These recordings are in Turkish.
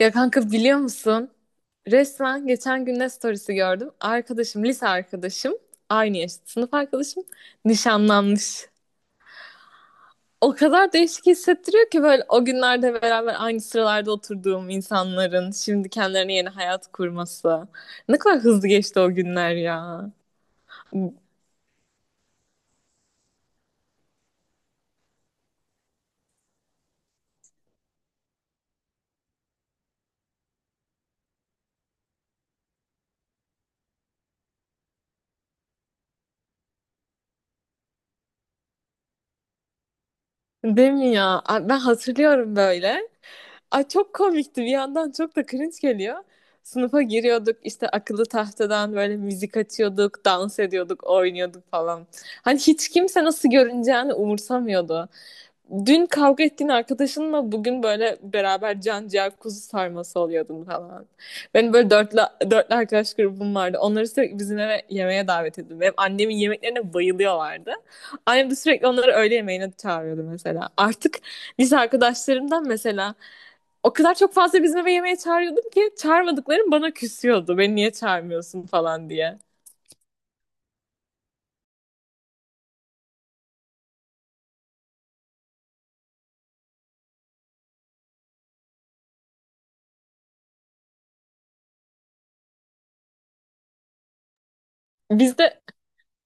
Ya kanka, biliyor musun? Resmen geçen gün ne storiesi gördüm. Lise arkadaşım, aynı yaşta sınıf arkadaşım nişanlanmış. O kadar değişik hissettiriyor ki böyle, o günlerde beraber aynı sıralarda oturduğum insanların şimdi kendilerine yeni hayat kurması. Ne kadar hızlı geçti o günler ya. Değil mi ya? Ay, ben hatırlıyorum böyle. Ay, çok komikti, bir yandan çok da cringe geliyor. Sınıfa giriyorduk işte, akıllı tahtadan böyle müzik açıyorduk, dans ediyorduk, oynuyorduk falan. Hani hiç kimse nasıl görüneceğini umursamıyordu. Dün kavga ettiğin arkadaşınla bugün böyle beraber can ciğer kuzu sarması oluyordun falan. Benim böyle dörtlü arkadaş grubum vardı. Onları sürekli bizim eve yemeğe davet ediyordum. Benim annemin yemeklerine bayılıyorlardı. Annem de sürekli onları öğle yemeğine çağırıyordu mesela. Artık lise arkadaşlarımdan mesela o kadar çok fazla bizim eve yemeğe çağırıyordum ki çağırmadıklarım bana küsüyordu. Beni niye çağırmıyorsun falan diye. Biz de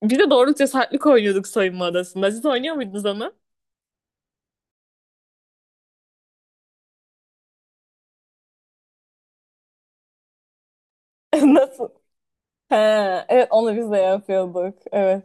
biz de doğru cesaretlik oynuyorduk soyunma odasında. Siz oynuyor muydunuz onu? Nasıl? He, evet, onu biz de yapıyorduk. Evet.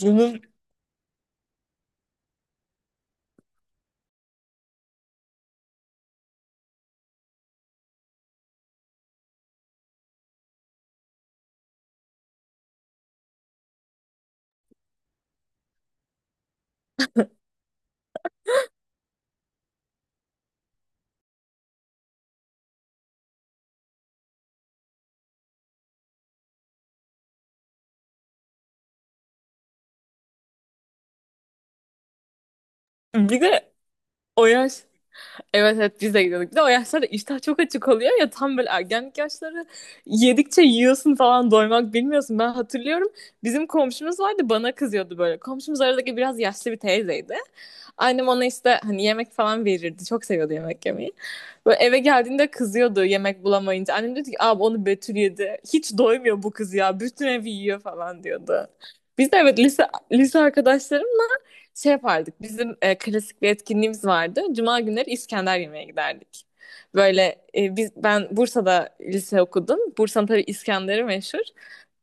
Canım. Bir de o yaş Evet, evet, biz de gidiyorduk. Bir de o yaşlarda iştah çok açık oluyor ya, tam böyle ergenlik yaşları, yedikçe yiyorsun falan, doymak bilmiyorsun. Ben hatırlıyorum, bizim komşumuz vardı, bana kızıyordu böyle. Komşumuz aradaki biraz yaşlı bir teyzeydi. Annem ona işte hani yemek falan verirdi. Çok seviyordu yemek yemeyi. Böyle eve geldiğinde kızıyordu yemek bulamayınca. Annem diyordu ki abi onu Betül yedi. Hiç doymuyor bu kız ya. Bütün evi yiyor falan diyordu. Biz de evet, lise arkadaşlarım şey yapardık. Bizim klasik bir etkinliğimiz vardı. Cuma günleri İskender yemeye giderdik. Böyle ben Bursa'da lise okudum. Bursa'nın tabii İskender'i meşhur.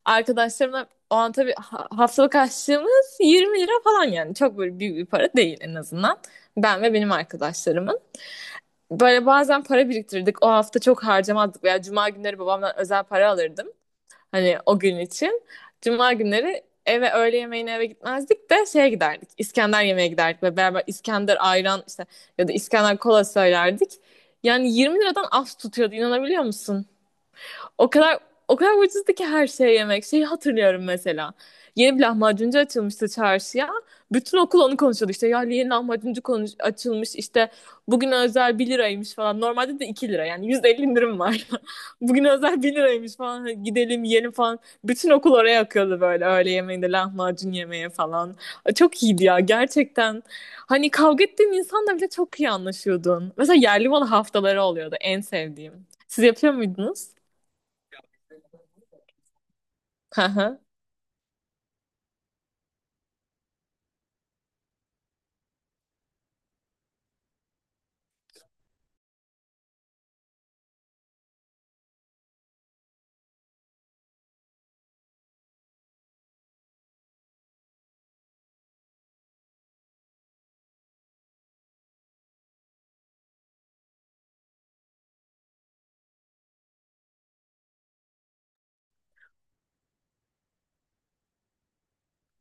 Arkadaşlarımla o an tabii haftalık harçlığımız 20 lira falan yani. Çok böyle büyük bir para değil en azından. Ben ve benim arkadaşlarımın. Böyle bazen para biriktirirdik. O hafta çok harcamazdık veya cuma günleri babamdan özel para alırdım. Hani o gün için. Cuma günleri eve öğle yemeğine eve gitmezdik de şeye giderdik. İskender yemeğe giderdik ve beraber İskender ayran işte, ya da İskender kola söylerdik. Yani 20 liradan az tutuyordu, inanabiliyor musun? O kadar, o kadar ucuzdu ki her şey, yemek. Şeyi hatırlıyorum mesela. Yeni bir lahmacuncu açılmıştı çarşıya. Bütün okul onu konuşuyordu işte. Ya yeni lahmacuncu konuş açılmış işte. Bugün özel 1 liraymış falan. Normalde de 2 lira yani %50 indirim var. Bugün özel 1 liraymış falan. Hadi gidelim yiyelim falan. Bütün okul oraya akıyordu böyle öğle yemeğinde lahmacun yemeye falan. Çok iyiydi ya gerçekten. Hani kavga ettiğin insanla bile çok iyi anlaşıyordun. Mesela yerli malı haftaları oluyordu en sevdiğim. Siz yapıyor muydunuz? Aha,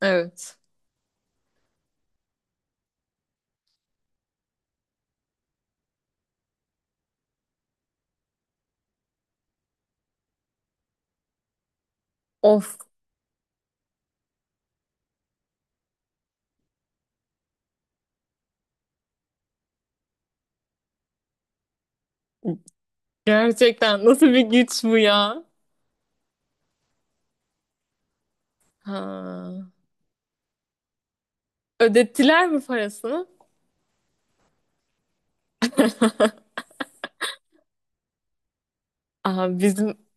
evet. Of, gerçekten nasıl bir güç bu ya? Ha. Ödettiler mi parasını? Aha.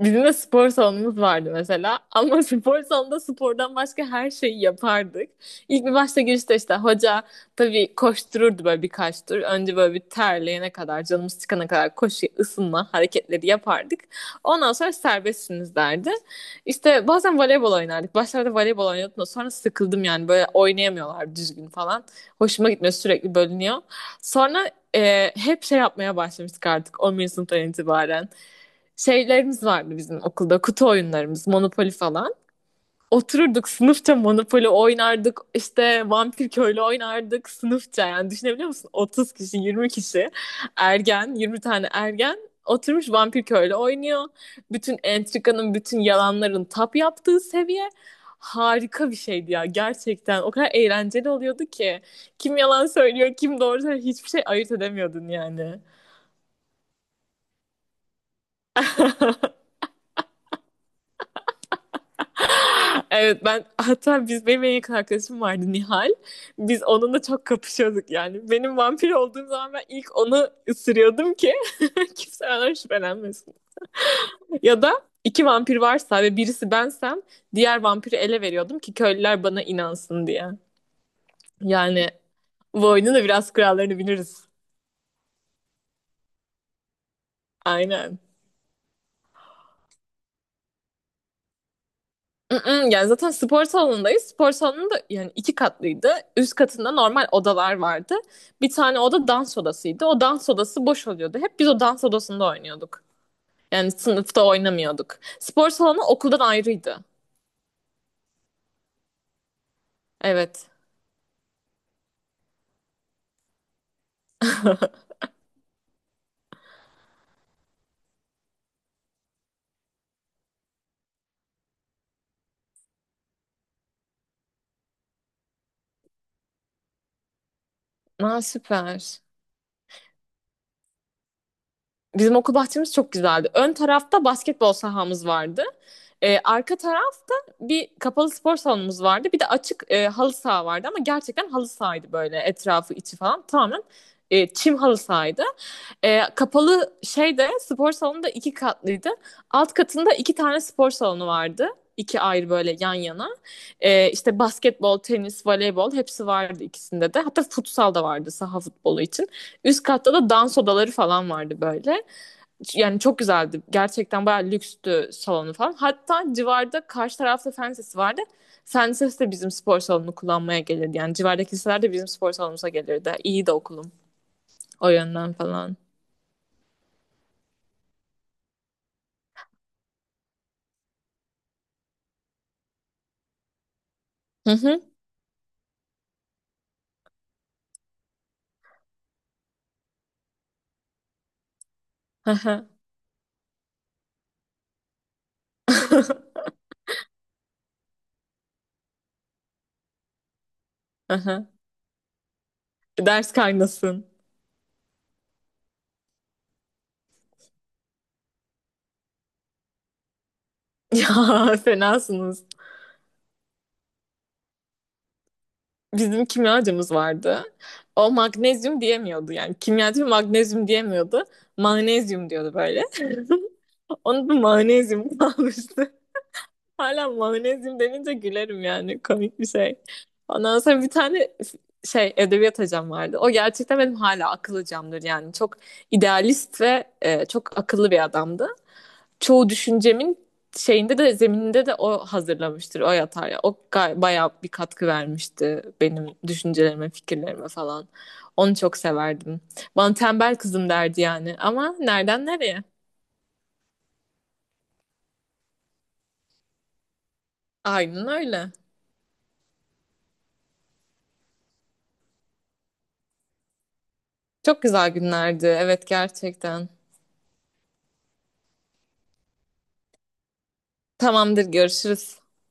Bizim de spor salonumuz vardı mesela. Ama spor salonunda spordan başka her şeyi yapardık. İlk bir başta girişte işte hoca tabii koştururdu böyle birkaç tur. Önce böyle bir terleyene kadar, canımız çıkana kadar koşu, ısınma hareketleri yapardık. Ondan sonra serbestsiniz derdi. İşte bazen voleybol oynardık. Başlarda voleybol oynuyordum da sonra sıkıldım yani, böyle oynayamıyorlar düzgün falan. Hoşuma gitmiyor, sürekli bölünüyor. Sonra hep şey yapmaya başlamıştık artık 11. sınıftan itibaren. Şeylerimiz vardı bizim okulda, kutu oyunlarımız, Monopoly falan. Otururduk sınıfça Monopoly oynardık, işte Vampir Köylü oynardık sınıfça. Yani düşünebiliyor musun, 30 kişi, 20 kişi ergen, 20 tane ergen oturmuş Vampir Köylü oynuyor. Bütün entrikanın, bütün yalanların tap yaptığı seviye, harika bir şeydi ya gerçekten. O kadar eğlenceli oluyordu ki kim yalan söylüyor, kim doğru söylüyor, hiçbir şey ayırt edemiyordun yani. Evet, ben hatta biz, benim en yakın arkadaşım vardı, Nihal. Biz onunla çok kapışıyorduk yani. Benim vampir olduğum zaman ben ilk onu ısırıyordum ki kimse benden şüphelenmesin. Ya da iki vampir varsa ve birisi bensem diğer vampiri ele veriyordum ki köylüler bana inansın diye. Yani bu oyunun da biraz kurallarını biliriz. Aynen. Mm-mm. Yani zaten spor salonundayız. Spor salonu da yani iki katlıydı. Üst katında normal odalar vardı. Bir tane oda dans odasıydı. O dans odası boş oluyordu. Hep biz o dans odasında oynuyorduk. Yani sınıfta oynamıyorduk. Spor salonu okuldan ayrıydı. Evet. Aa, süper. Bizim okul bahçemiz çok güzeldi. Ön tarafta basketbol sahamız vardı. Arka tarafta bir kapalı spor salonumuz vardı. Bir de açık halı saha vardı ama gerçekten halı sahaydı, böyle etrafı, içi falan tamamen çim halı sahaydı. Kapalı şeyde spor salonu da iki katlıydı. Alt katında iki tane spor salonu vardı. İki ayrı böyle yan yana. İşte basketbol, tenis, voleybol hepsi vardı ikisinde de. Hatta futsal da vardı, saha futbolu için. Üst katta da dans odaları falan vardı böyle. Yani çok güzeldi. Gerçekten bayağı lükstü salonu falan. Hatta civarda, karşı tarafta fen lisesi vardı. Fen lisesi de bizim spor salonunu kullanmaya gelirdi. Yani civardaki liseler de bizim spor salonumuza gelirdi. İyi de okulum o yönden falan. Hı hı. Hı hı. Hı hı. Ders kaynasın. Ya fenasınız. Bizim kimyacımız vardı. O magnezyum diyemiyordu yani. Kimyacı magnezyum diyemiyordu. Magnezyum diyordu böyle. Onun da magnezyum kalmıştı. Hala mayonezyum denince gülerim yani, komik bir şey. Ondan sonra bir tane şey edebiyat hocam vardı. O gerçekten benim hala akıl hocamdır yani. Çok idealist ve çok akıllı bir adamdı. Çoğu düşüncemin şeyinde de, zemininde de o hazırlamıştır, o yatar ya. O bayağı bir katkı vermişti benim düşüncelerime, fikirlerime falan. Onu çok severdim. Bana tembel kızım derdi yani, ama nereden nereye? Aynen öyle. Çok güzel günlerdi, evet, gerçekten. Tamamdır, görüşürüz.